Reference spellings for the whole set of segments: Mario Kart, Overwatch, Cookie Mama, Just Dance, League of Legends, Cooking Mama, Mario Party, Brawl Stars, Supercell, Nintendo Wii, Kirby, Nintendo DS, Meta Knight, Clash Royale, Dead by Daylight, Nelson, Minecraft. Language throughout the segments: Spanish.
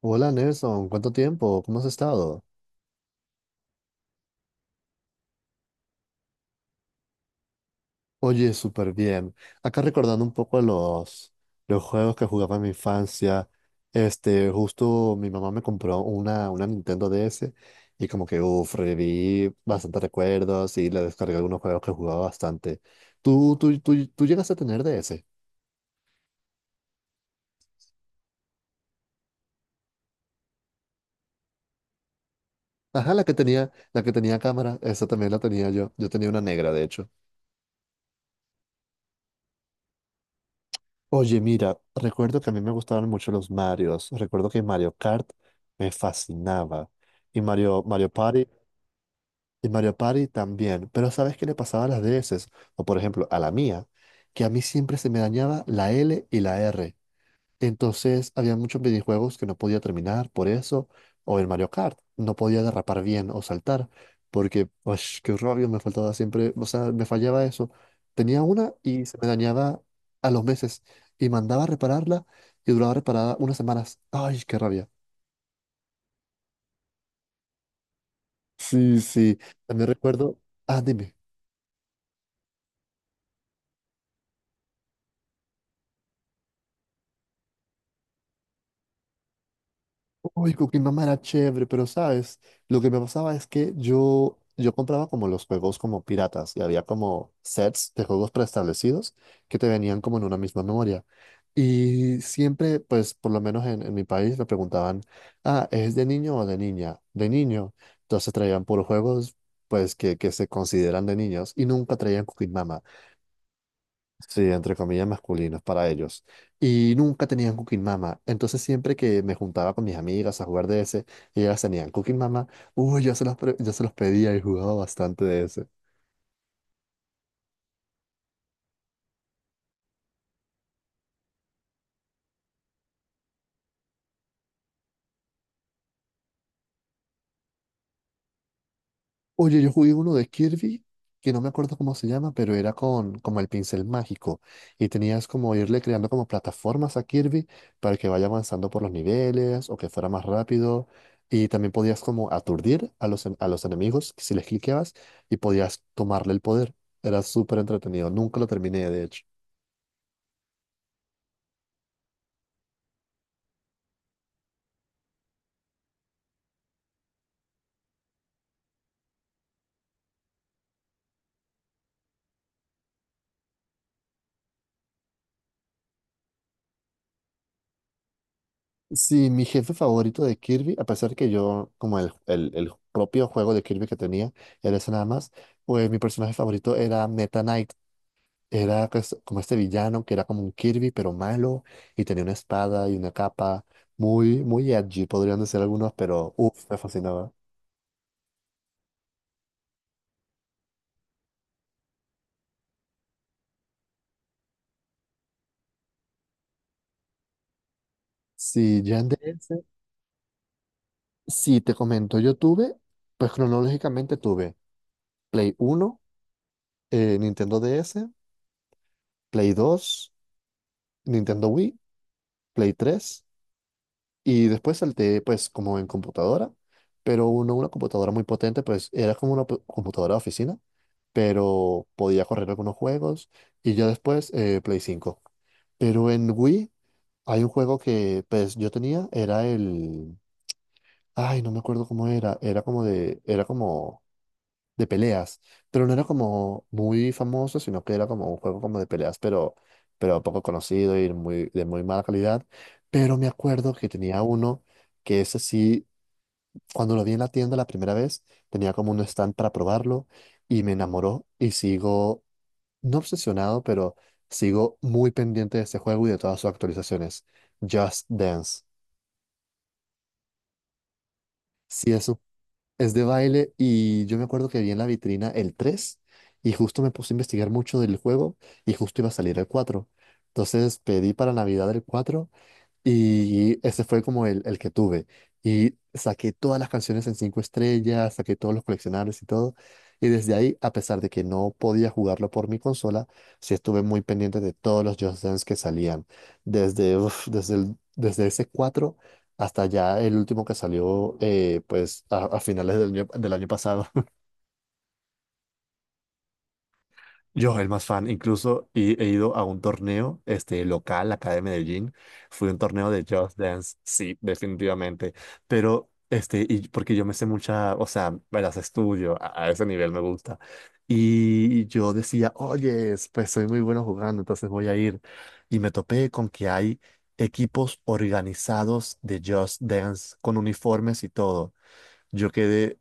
Hola Nelson, ¿cuánto tiempo? ¿Cómo has estado? Oye, súper bien. Acá recordando un poco los juegos que jugaba en mi infancia. Justo mi mamá me compró una Nintendo DS y como que, uff, reviví bastantes recuerdos y le descargué algunos juegos que jugaba bastante. ¿Tú llegaste a tener DS? Ajá, la que tenía cámara, esa también la tenía yo. Yo tenía una negra, de hecho. Oye, mira, recuerdo que a mí me gustaban mucho los Marios. Recuerdo que Mario Kart me fascinaba. Y Mario Party también. Pero ¿sabes qué le pasaba a las DS? O por ejemplo, a la mía, que a mí siempre se me dañaba la L y la R. Entonces había muchos videojuegos que no podía terminar por eso, o el Mario Kart, no podía derrapar bien o saltar, porque, ush, qué rollo, me faltaba siempre, o sea, me fallaba eso. Tenía una y se me dañaba a los meses, y mandaba a repararla y duraba reparada unas semanas. Ay, qué rabia. Sí, sí, también recuerdo, ah, dime. Uy, Cookie Mama era chévere, pero sabes, lo que me pasaba es que yo compraba como los juegos como piratas y había como sets de juegos preestablecidos que te venían como en una misma memoria. Y siempre, pues por lo menos en mi país me preguntaban, ah, ¿es de niño o de niña? De niño. Entonces traían puros juegos pues que se consideran de niños y nunca traían Cooking. Sí, entre comillas masculinos para ellos. Y nunca tenían Cooking Mama. Entonces siempre que me juntaba con mis amigas a jugar DS y ellas tenían Cooking Mama, uy, yo se los, pre- yo se los pedía y jugaba bastante DS. Oye, yo jugué uno de Kirby, que no me acuerdo cómo se llama, pero era con como el pincel mágico. Y tenías como irle creando como, plataformas a Kirby para que vaya avanzando por los niveles o que fuera más rápido. Y también podías como aturdir a los enemigos si les cliqueabas y podías tomarle el poder. Era súper entretenido. Nunca lo terminé, de hecho. Sí, mi jefe favorito de Kirby, a pesar que yo, como el propio juego de Kirby que tenía, era ese nada más, pues mi personaje favorito era Meta Knight. Era pues, como este villano que era como un Kirby, pero malo, y tenía una espada y una capa muy, muy edgy, podrían decir algunos, pero uff, me fascinaba. Sí, ya en DS, sí, te comento, yo tuve, pues cronológicamente tuve Play uno, Nintendo DS, Play dos, Nintendo Wii, Play tres. Y después salté, pues, como en computadora, pero uno, una computadora muy potente, pues, era como una computadora de oficina, pero podía correr algunos juegos. Y ya después, Play cinco. Pero en Wii hay un juego que, pues, yo tenía, era el... Ay, no me acuerdo cómo era, era como de... Era como de peleas, pero no era como muy famoso, sino que era como un juego como de peleas, pero poco conocido y muy, de muy mala calidad. Pero me acuerdo que tenía uno que ese sí, cuando lo vi en la tienda la primera vez, tenía como un stand para probarlo y me enamoró y sigo, no obsesionado, pero sigo muy pendiente de este juego y de todas sus actualizaciones. Just Dance. Sí. Es de baile y yo me acuerdo que vi en la vitrina el 3 y justo me puse a investigar mucho del juego y justo iba a salir el cuatro. Entonces pedí para Navidad el 4 y ese fue como el que tuve. Y saqué todas las canciones en cinco estrellas, saqué todos los coleccionables y todo. Y desde ahí, a pesar de que no podía jugarlo por mi consola, sí estuve muy pendiente de todos los Just Dance que salían. Desde ese 4 hasta ya el último que salió, pues a finales del año pasado. Yo, el más fan, incluso he ido a un torneo local acá de Medellín. Fui a un torneo de Just Dance, sí, definitivamente. Pero, y porque yo me sé mucha, o sea, me las estudio, a ese nivel me gusta. Y yo decía, oye, pues soy muy bueno jugando, entonces voy a ir. Y me topé con que hay equipos organizados de Just Dance con uniformes y todo. Yo quedé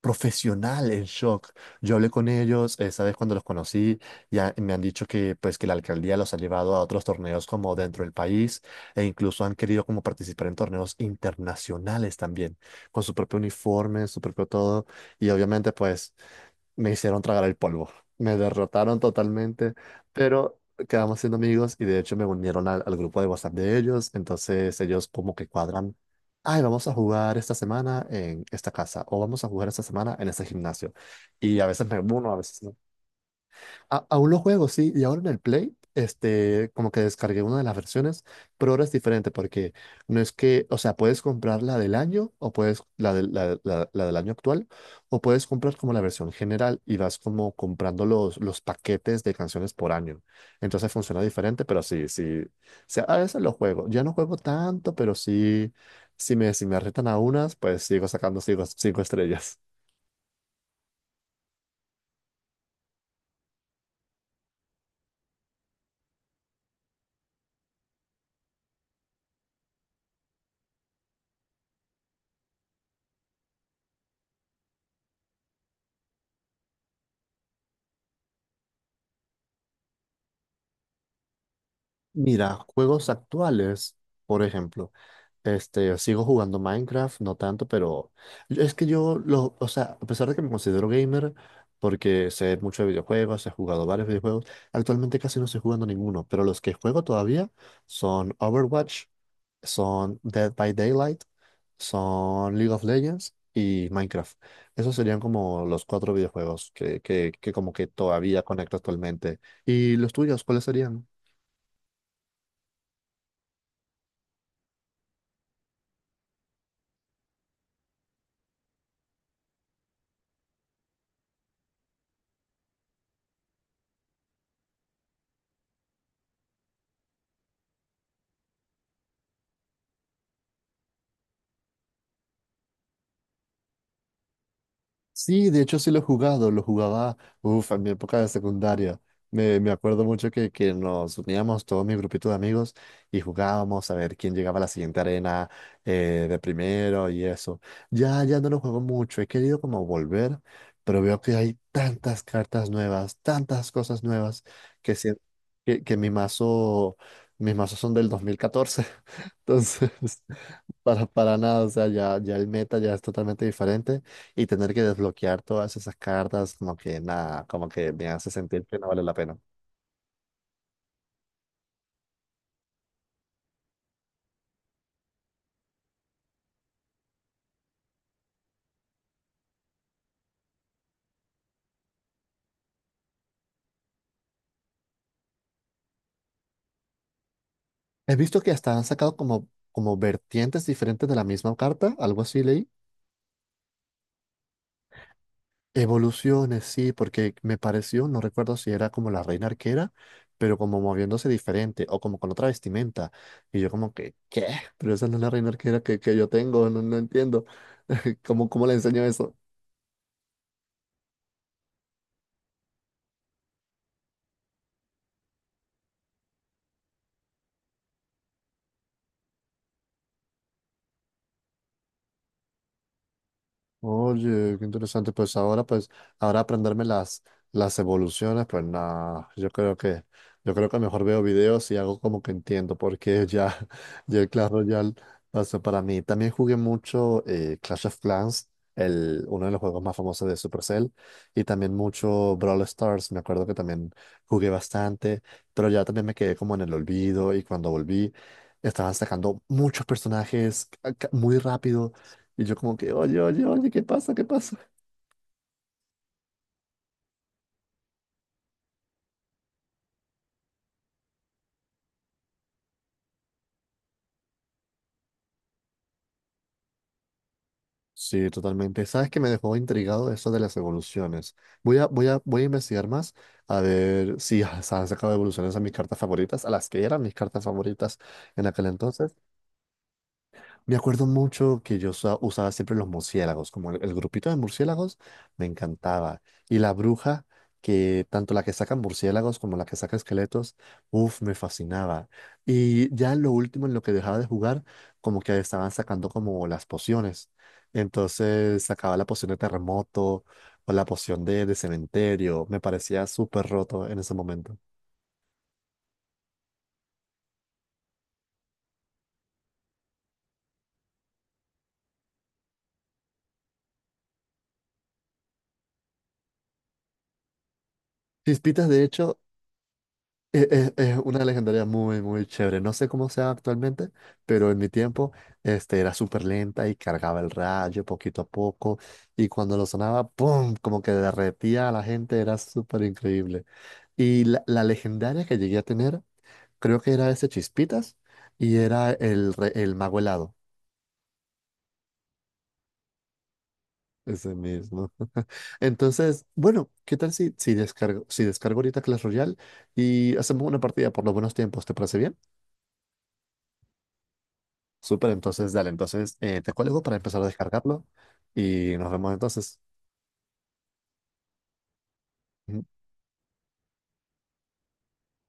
profesional, el shock. Yo hablé con ellos, sabes, cuando los conocí, ya me han dicho que pues que la alcaldía los ha llevado a otros torneos como dentro del país e incluso han querido como participar en torneos internacionales también, con su propio uniforme, su propio todo y obviamente pues me hicieron tragar el polvo. Me derrotaron totalmente, pero quedamos siendo amigos y de hecho me unieron al grupo de WhatsApp de ellos. Entonces ellos como que cuadran, ay, vamos a jugar esta semana en esta casa o vamos a jugar esta semana en este gimnasio. Y a veces me uno, a veces no. Aún lo juego, sí, y ahora en el Play, como que descargué una de las versiones, pero ahora es diferente porque no es que, o sea, puedes comprar la del año o puedes, la del año actual, o puedes comprar como la versión general y vas como comprando los, paquetes de canciones por año. Entonces funciona diferente, pero sí, sí, o sea, a veces lo juego. Ya no juego tanto, pero sí, si me retan a unas, pues sigo sacando cinco estrellas. Mira, juegos actuales, por ejemplo. Yo sigo jugando Minecraft, no tanto, pero es que yo, lo, o sea, a pesar de que me considero gamer, porque sé mucho de videojuegos, he jugado varios videojuegos, actualmente casi no estoy jugando ninguno, pero los que juego todavía son Overwatch, son Dead by Daylight, son League of Legends y Minecraft. Esos serían como los cuatro videojuegos que como que todavía conecto actualmente. ¿Y los tuyos, cuáles serían? Sí, de hecho sí lo he jugado, lo jugaba, uff, en mi época de secundaria. Me acuerdo mucho que nos uníamos todo mi grupito de amigos y jugábamos a ver quién llegaba a la siguiente arena, de primero y eso. Ya, ya no lo juego mucho, he querido como volver, pero veo que hay tantas cartas nuevas, tantas cosas nuevas, que, si que, que mi mazo, mis mazos son del 2014. Entonces, para nada, o sea, ya, ya el meta ya es totalmente diferente y tener que desbloquear todas esas cartas, como que nada, como que me hace sentir que no vale la pena. He visto que hasta han sacado como vertientes diferentes de la misma carta, algo así leí. Evoluciones, sí, porque me pareció, no recuerdo si era como la reina arquera, pero como moviéndose diferente o como con otra vestimenta. Y yo como que, ¿qué? Pero esa no es la reina arquera que yo tengo, no, no entiendo. ¿Cómo le enseño eso? Oye, qué interesante. Pues, ahora aprenderme las evoluciones, pues nada, yo creo que mejor veo videos y hago como que entiendo, porque ya, ya el Clash Royale pasó para mí. También jugué mucho Clash of Clans, uno de los juegos más famosos de Supercell, y también mucho Brawl Stars, me acuerdo que también jugué bastante, pero ya también me quedé como en el olvido y cuando volví, estaban sacando muchos personajes muy rápido y yo como que, oye, oye, oye, ¿qué pasa? ¿Qué pasa? Sí, totalmente. ¿Sabes que me dejó intrigado eso de las evoluciones? Voy a investigar más a ver si se han sacado evoluciones a mis cartas favoritas, a las que eran mis cartas favoritas en aquel entonces. Me acuerdo mucho que yo usaba siempre los murciélagos, como el grupito de murciélagos me encantaba. Y la bruja, que tanto la que saca murciélagos como la que saca esqueletos, uff, me fascinaba. Y ya lo último en lo que dejaba de jugar, como que estaban sacando como las pociones. Entonces sacaba la poción de terremoto o la poción de cementerio. Me parecía súper roto en ese momento. Chispitas, de hecho, es una legendaria muy, muy chévere. No sé cómo sea actualmente, pero en mi tiempo, era súper lenta y cargaba el rayo poquito a poco. Y cuando lo sonaba, ¡pum! Como que derretía a la gente, era súper increíble. Y la legendaria que llegué a tener, creo que era ese Chispitas y era el Mago Helado. Ese mismo. Entonces, bueno, ¿qué tal si, si descargo ahorita Clash Royale y hacemos una partida por los buenos tiempos? ¿Te parece bien? Súper, entonces dale, entonces te cuelgo para empezar a descargarlo y nos vemos entonces.